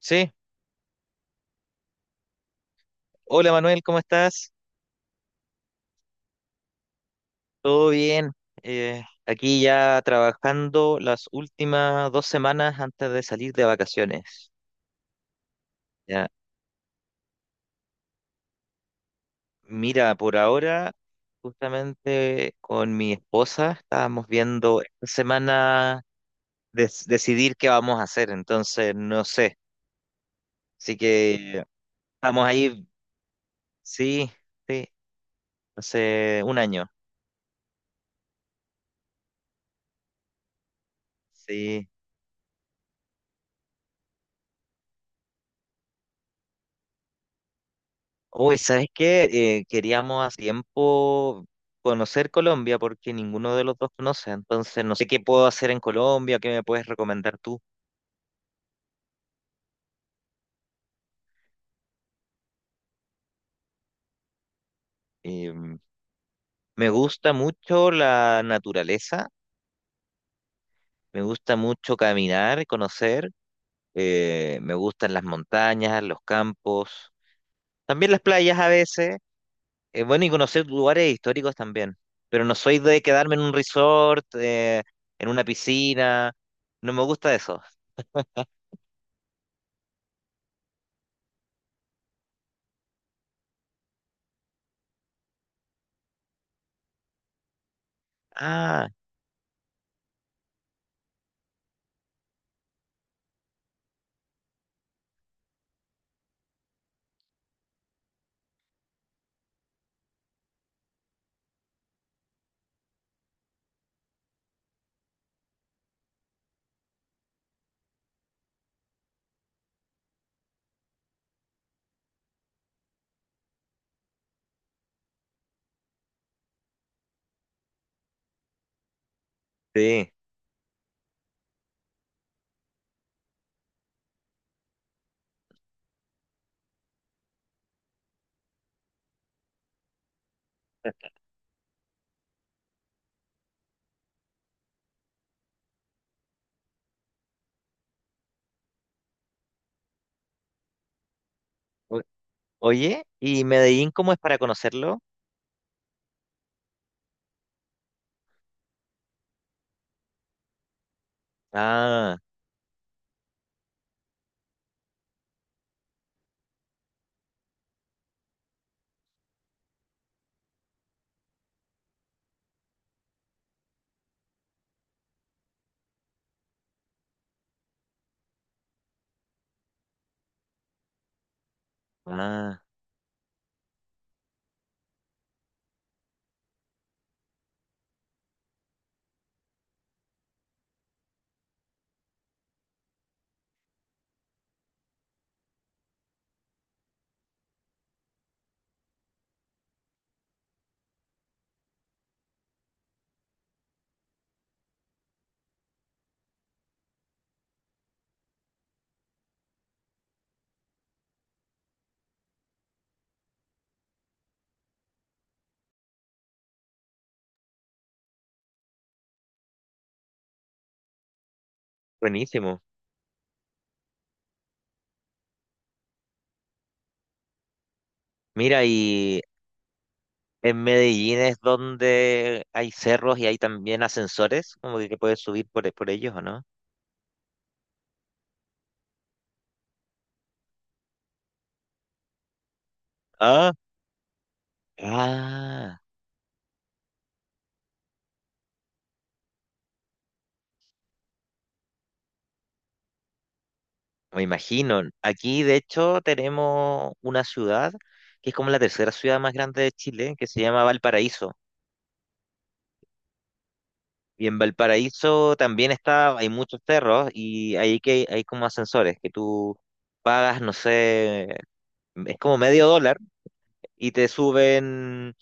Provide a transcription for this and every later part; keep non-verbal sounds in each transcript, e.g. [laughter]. Sí, hola Manuel, ¿cómo estás? ¿Todo bien? Aquí ya trabajando las últimas dos semanas antes de salir de vacaciones. Ya, mira, por ahora, justamente con mi esposa estábamos viendo esta semana decidir qué vamos a hacer, entonces no sé. Así que estamos ahí, sí, sí, hace un año. Sí. Uy, ¿sabes qué? Queríamos hace tiempo conocer Colombia porque ninguno de los dos conoce, entonces no sé qué puedo hacer en Colombia, qué me puedes recomendar tú. Em, Me gusta mucho la naturaleza, me gusta mucho caminar y conocer, me gustan las montañas, los campos, también las playas a veces, bueno, y conocer lugares históricos también, pero no soy de quedarme en un resort, en una piscina, no me gusta eso. Ah, sí. O- Oye, ¿y Medellín cómo es para conocerlo? Ah, ah, buenísimo. Mira, y en Medellín es donde hay cerros y hay también ascensores, como que puedes subir por ellos, ¿o no? Ah, ah, me imagino. Aquí, de hecho, tenemos una ciudad que es como la tercera ciudad más grande de Chile, que se llama Valparaíso. Y en Valparaíso también está, hay muchos cerros y ahí que hay como ascensores que tú pagas, no sé, es como medio dólar y te suben,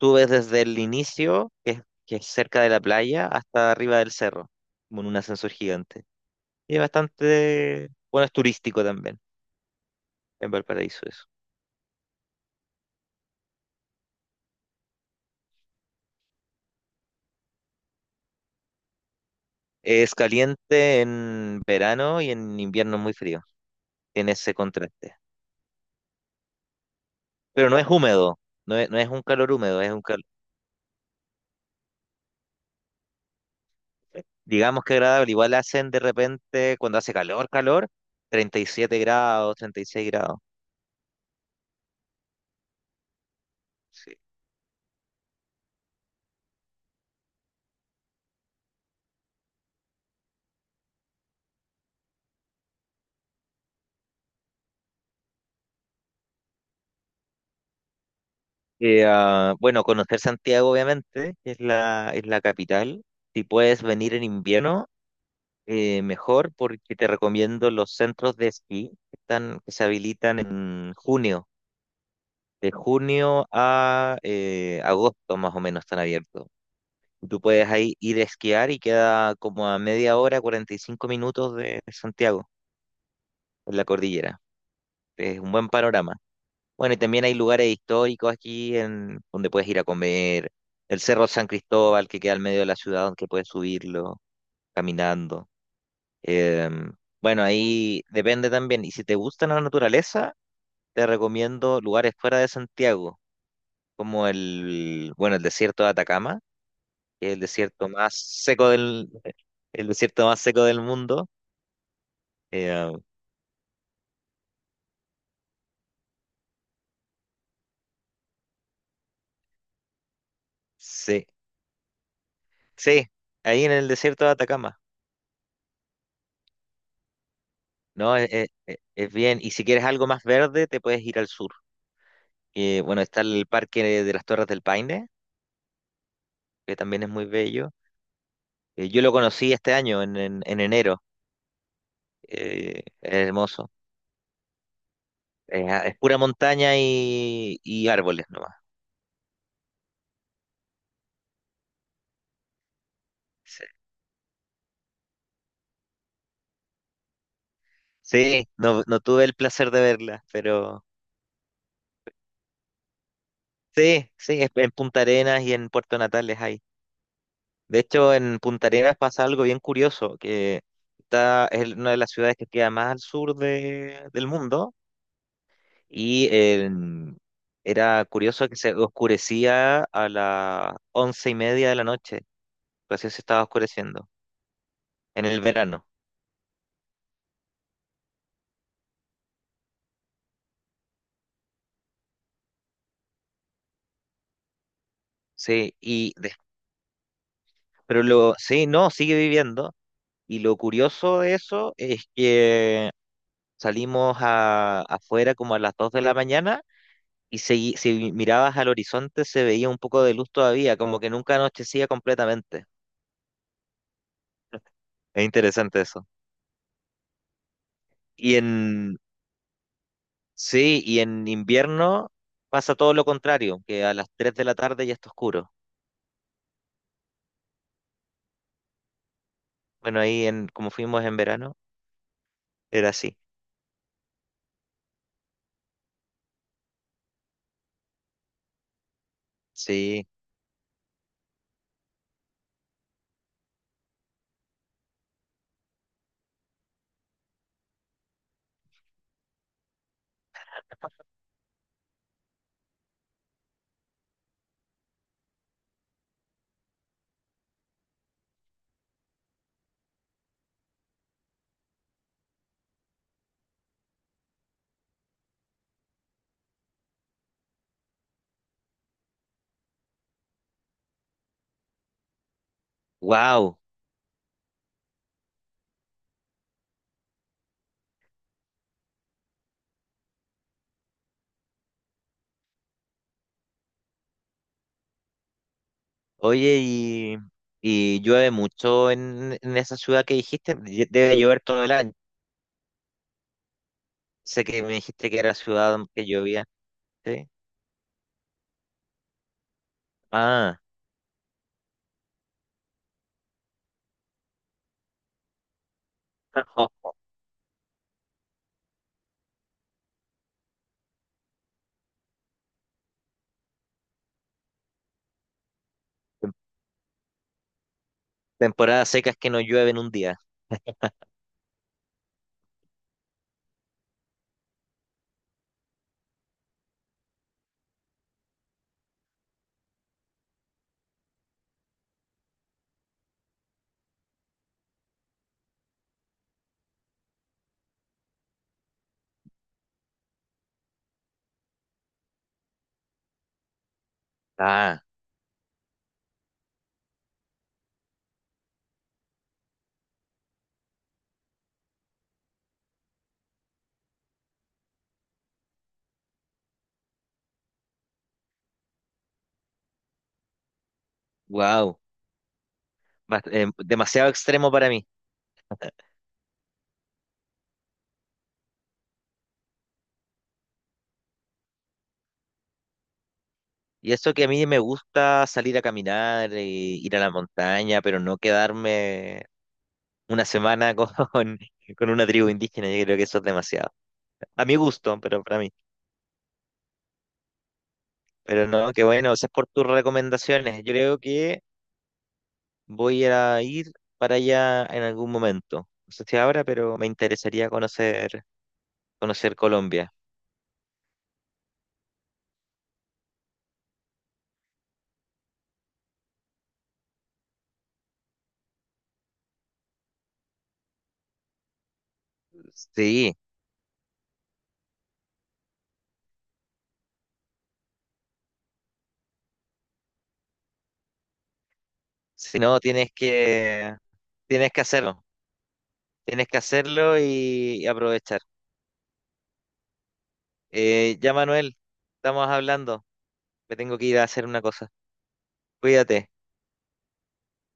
subes desde el inicio, que es cerca de la playa, hasta arriba del cerro, con un ascensor gigante. Y es bastante, bueno, es turístico también en Valparaíso eso. Es caliente en verano y en invierno es muy frío, tiene ese contraste. Pero no es húmedo, no es, no es un calor húmedo, es un calor, digamos que agradable. Igual hacen de repente, cuando hace calor, calor, 37 grados, 36 grados. Sí. Bueno, conocer Santiago, obviamente, que es la capital. Si puedes venir en invierno, mejor, porque te recomiendo los centros de esquí que están, que se habilitan en junio. De junio a agosto, más o menos, están abiertos. Tú puedes ahí ir a esquiar y queda como a media hora, 45 minutos de Santiago, en la cordillera. Es un buen panorama. Bueno, y también hay lugares históricos aquí, en donde puedes ir a comer. El Cerro San Cristóbal, que queda al medio de la ciudad, donde puedes subirlo caminando. Em, bueno, ahí depende también. Y si te gusta la naturaleza, te recomiendo lugares fuera de Santiago, como el, bueno, el desierto de Atacama, que es el desierto más seco del mundo. Eh, sí, sí, ahí en el desierto de Atacama. No, es, es bien. Y si quieres algo más verde, te puedes ir al sur. Bueno, está el Parque de las Torres del Paine, que también es muy bello. Yo lo conocí este año, en, en enero. Es hermoso. Es pura montaña y árboles nomás. Sí. Sí, no, no tuve el placer de verla, pero sí, sí, en Punta Arenas y en Puerto Natales hay. De hecho, en Punta Arenas pasa algo bien curioso, que está, es una de las ciudades que queda más al sur del mundo. Y era curioso que se oscurecía a las 11:30 de la noche. Recién se estaba oscureciendo. En el verano. Sí, y pero sí, no, sigue viviendo. Y lo curioso de eso es que salimos afuera como a las 2 de la mañana y si mirabas al horizonte se veía un poco de luz todavía, como que nunca anochecía completamente. Es interesante eso. Y en Sí, y en invierno pasa todo lo contrario, que a las 3 de la tarde ya está oscuro. Bueno, ahí, en como fuimos en verano, era así. Sí, wow. Oye, y llueve mucho en esa ciudad que dijiste. Debe llover todo el año. Sé que me dijiste que era ciudad donde que llovía. Sí. Ah, [laughs] Tem- temporadas secas que no llueve en un día. Ah, wow. Demasiado extremo para mí. Y eso que a mí me gusta salir a caminar, e ir a la montaña, pero no quedarme una semana con, [laughs] con una tribu indígena, yo creo que eso es demasiado. A mi gusto, pero para mí. Pero no, qué bueno, gracias por tus recomendaciones. Yo creo que voy a ir para allá en algún momento. No sé si ahora, pero me interesaría conocer, conocer Colombia. Sí, si no, tienes que hacerlo. Tienes que hacerlo y aprovechar. Ya, Manuel, estamos hablando. Me tengo que ir a hacer una cosa. Cuídate.